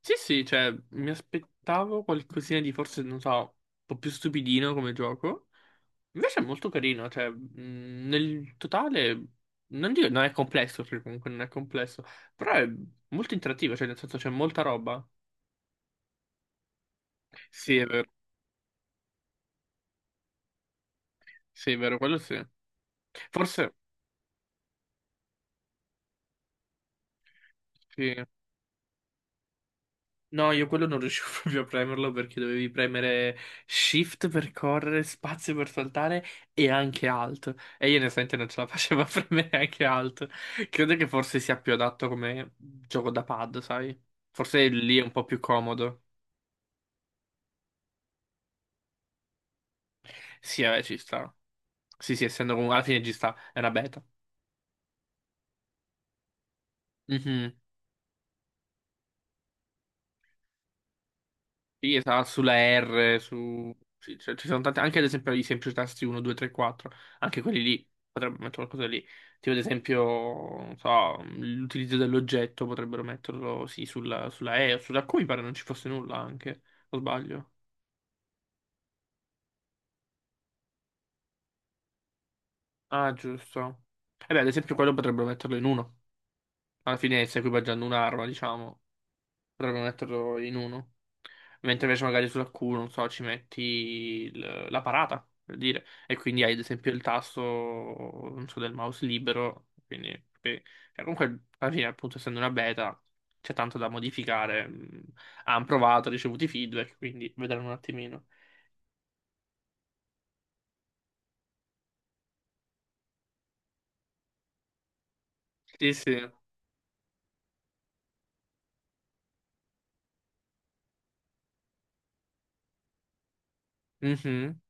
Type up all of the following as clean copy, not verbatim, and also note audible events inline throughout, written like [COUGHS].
Sì, sì, cioè, mi aspettavo qualcosina di forse, non so, un po' più stupidino come gioco. Invece è molto carino, cioè, nel totale, non dico, non è complesso, perché comunque non è complesso, però è molto interattivo, cioè, nel senso c'è molta roba. Sì, è vero, sì, è vero, quello sì. Forse, sì. No, io quello non riuscivo [LAUGHS] proprio a premerlo perché dovevi premere Shift per correre, spazio per saltare e anche Alt. E io onestamente non ce la facevo [LAUGHS] a premere anche Alt. Credo che forse sia più adatto come gioco da pad, sai? Forse lì è un po' più comodo. Sì, vabbè, ci sta. Sì, sì, essendo comunque alla fine ci sta, è una beta. Mhm. Sì, esatto, sulla R, su... sì, cioè, ci sono tanti, anche ad esempio i semplici tasti 1, 2, 3, 4, anche quelli lì, potrebbero mettere qualcosa lì, tipo ad esempio, non so, l'utilizzo dell'oggetto, potrebbero metterlo, sì, sulla E o sulla Q, mi pare non ci fosse nulla anche, o sbaglio? Ah, giusto. E beh, ad esempio quello potrebbero metterlo in uno, alla fine sta equipaggiando un'arma, diciamo. Potremmo metterlo in uno. Mentre invece magari sulla Q, non so, ci metti la parata, per dire. E quindi hai ad esempio il tasto, non so, del mouse libero. Quindi, beh, cioè, comunque, alla fine, appunto, essendo una beta, c'è tanto da modificare. Hanno provato, ricevuto i feedback, quindi vedremo un attimino. Sì, sì. Mhm.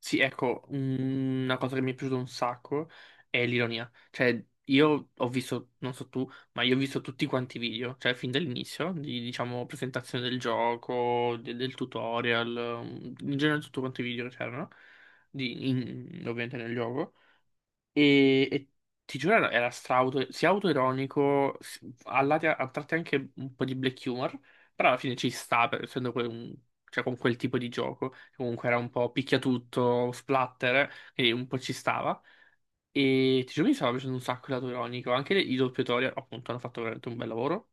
Sì, ecco, una cosa che mi è piaciuta un sacco è l'ironia. Cioè, io ho visto, non so tu, ma io ho visto tutti quanti i video, cioè fin dall'inizio, di, diciamo, presentazione del gioco, del tutorial, in genere tutti quanti i video che c'erano, ovviamente nel gioco. E ti giuro, era stra auto, sia autoironico, a a tratti anche un po' di black humor, però alla fine ci sta, essendo cioè, con quel tipo di gioco, che comunque era un po' picchiatutto, splatter, e un po' ci stava. E ti giuro, mi stava piacendo un sacco l'autoironico, anche i doppiatori appunto hanno fatto veramente un bel lavoro.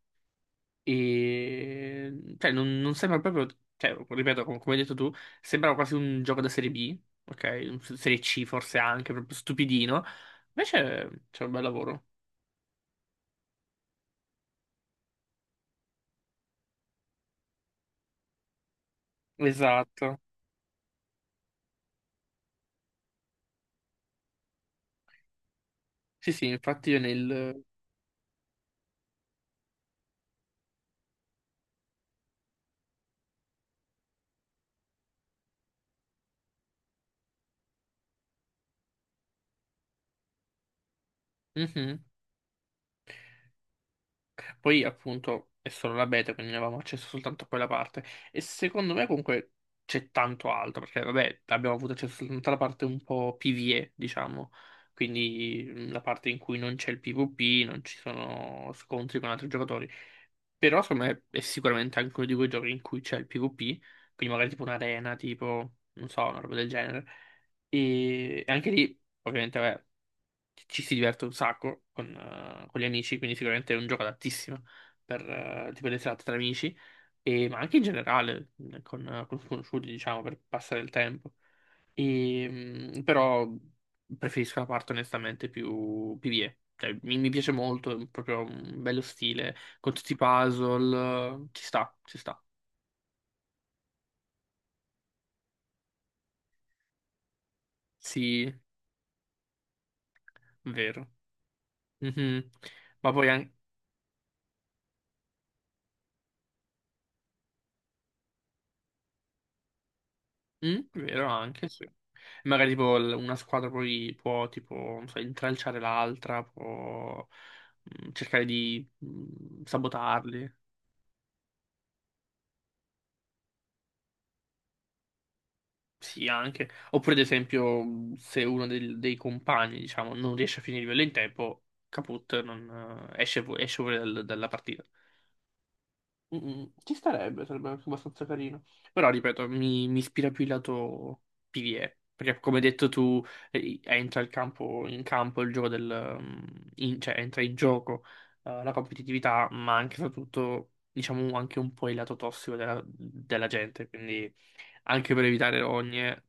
E cioè, non sembra proprio, cioè, ripeto, come hai detto tu, sembra quasi un gioco da serie B, ok? Serie C forse anche, proprio stupidino. Invece c'è un bel lavoro. Esatto. Sì, sì, infatti io nel... Mhm. Poi appunto è solo la beta, quindi ne avevamo accesso soltanto a quella parte. E secondo me comunque c'è tanto altro, perché vabbè, abbiamo avuto accesso soltanto alla parte un po' PvE, diciamo. Quindi la parte in cui non c'è il PvP, non ci sono scontri con altri giocatori. Però secondo me è sicuramente anche uno di quei giochi in cui c'è il PvP, quindi magari tipo un'arena, tipo, non so, una roba del genere. E anche lì, ovviamente, vabbè, ci si diverte un sacco con gli amici, quindi sicuramente è un gioco adattissimo per tipo le serate tra amici, ma anche in generale con sconosciuti, diciamo, per passare il tempo. Però preferisco la parte onestamente più PvE. Cioè, mi piace molto, è proprio un bello stile, con tutti i puzzle, ci sta, ci sta. Sì, vero. Mhm. Ma poi Mm, vero anche, sì. Magari tipo una squadra poi può tipo, non so, intralciare l'altra, può cercare di sabotarli. Sì, anche. Oppure, ad esempio, se uno dei compagni, diciamo, non riesce a finire il livello in tempo, caput, non, esce, esce fuori dalla partita. Ci starebbe, sarebbe anche abbastanza carino. Però, ripeto, mi ispira più il lato PvE. Perché, come hai detto tu, entra il campo, in campo il gioco del... cioè, entra in gioco la competitività, ma anche e soprattutto, diciamo, anche un po' il lato tossico della gente. Quindi, anche per evitare rogne,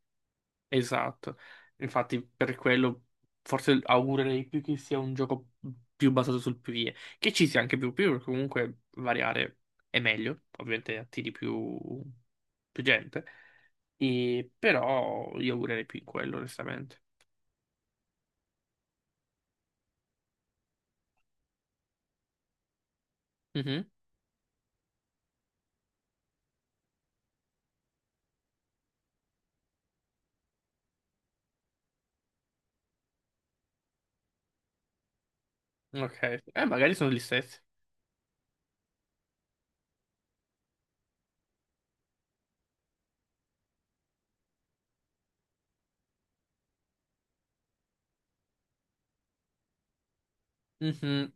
Esatto, infatti per quello forse augurerei più che sia un gioco più basato sul PvE, che ci sia anche più PvE, perché comunque variare è meglio, ovviamente attiri più, più gente, e, però io augurerei più in quello onestamente. Mhm, Ok, magari sono gli stessi. Mhm.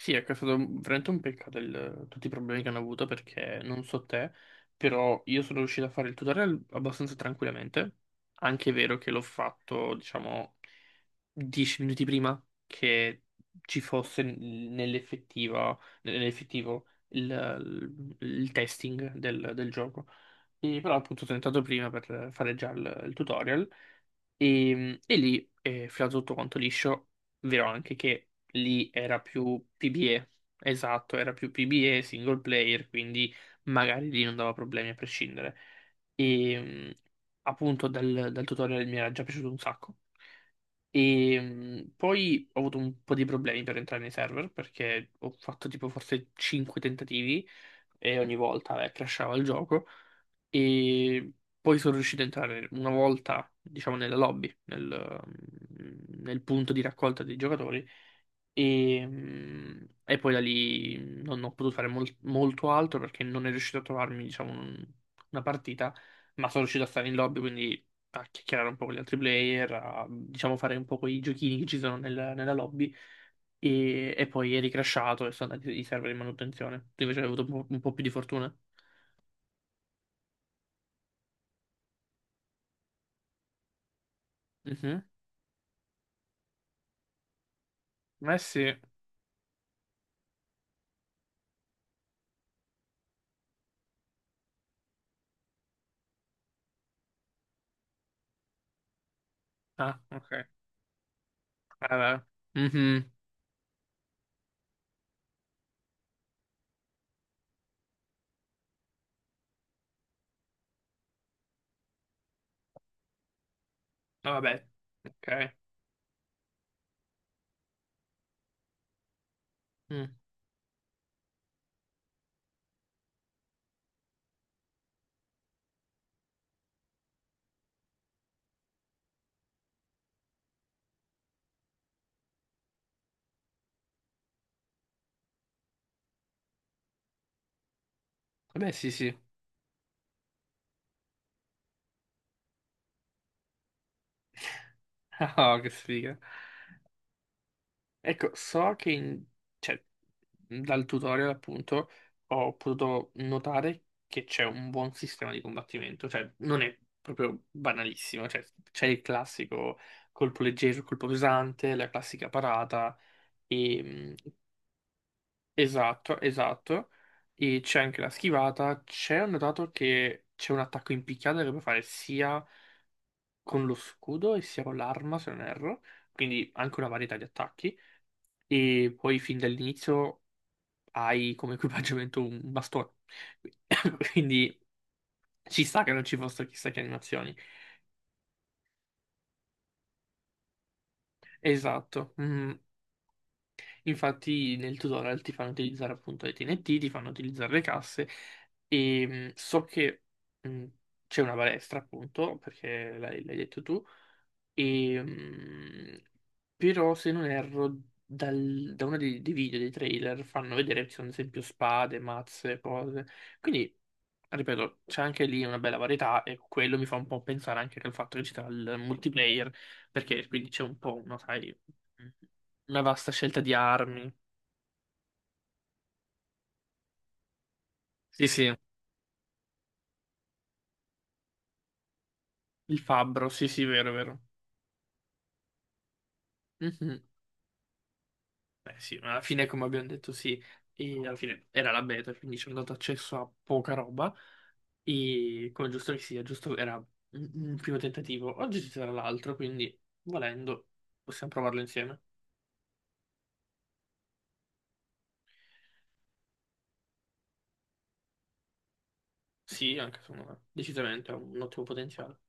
Sì, ecco, è stato veramente un peccato tutti i problemi che hanno avuto perché non so te, però io sono riuscito a fare il tutorial abbastanza tranquillamente. Anche è vero che l'ho fatto, diciamo, 10 minuti prima che ci fosse nell'effettiva, nell'effettivo il testing del gioco. E però appunto sono entrato prima per fare già il tutorial e lì è filato tutto quanto liscio. Vero anche che lì era più PBE, esatto, era più PBE single player, quindi magari lì non dava problemi a prescindere. E mh, appunto dal tutorial mi era già piaciuto un sacco. Poi ho avuto un po' di problemi per entrare nei server perché ho fatto tipo forse 5 tentativi e ogni volta crashava il gioco. E poi sono riuscito ad entrare una volta, diciamo, nella lobby, nel punto di raccolta dei giocatori e poi da lì non ho potuto fare molto altro perché non è riuscito a trovarmi, diciamo, una partita, ma sono riuscito a stare in lobby, quindi a chiacchierare un po' con gli altri player, a, diciamo, fare un po' quei giochini che ci sono nella lobby. E poi eri crashato e sono andati i server in manutenzione. Tu invece hai avuto un po' più di fortuna. Mhm. Eh sì. Ah, ok. Vabbè. Mhm. Ah, Vabbè. Ok. Mm. Vabbè, sì, sì. [LAUGHS] Oh, che sfiga. Ecco, so che cioè, dal tutorial appunto ho potuto notare che c'è un buon sistema di combattimento, cioè non è proprio banalissimo, cioè c'è il classico colpo leggero, colpo pesante, la classica parata, e, esatto, esatto, e c'è anche la schivata, c'è ho notato che c'è un attacco in picchiata che puoi fare sia con lo scudo e sia con l'arma, se non erro, quindi anche una varietà di attacchi. E poi fin dall'inizio hai come equipaggiamento un bastone. [COUGHS] [LAUGHS] Quindi ci sta che non ci fossero chissà che animazioni. Esatto. Mm. Infatti nel tutorial ti fanno utilizzare appunto le TNT, ti fanno utilizzare le casse so che mm, c'è una balestra appunto, perché l'hai detto tu. E, mm, però se non erro, da uno dei video, dei trailer, fanno vedere che ci sono ad esempio spade, mazze, cose. Quindi, ripeto, c'è anche lì una bella varietà e quello mi fa un po' pensare anche al fatto che ci sarà il multiplayer, perché quindi c'è un po', una, sai, una vasta scelta di armi. Sì, sì. Il fabbro, sì, sì, vero, vero. Mhm. Beh, sì, ma alla fine, come abbiamo detto, sì, e alla fine era la beta, quindi ci hanno dato accesso a poca roba. E come giusto che sia, giusto era un primo tentativo. Oggi ci sarà l'altro, quindi volendo possiamo provarlo insieme. Sì, anche secondo me, decisamente ha un ottimo potenziale.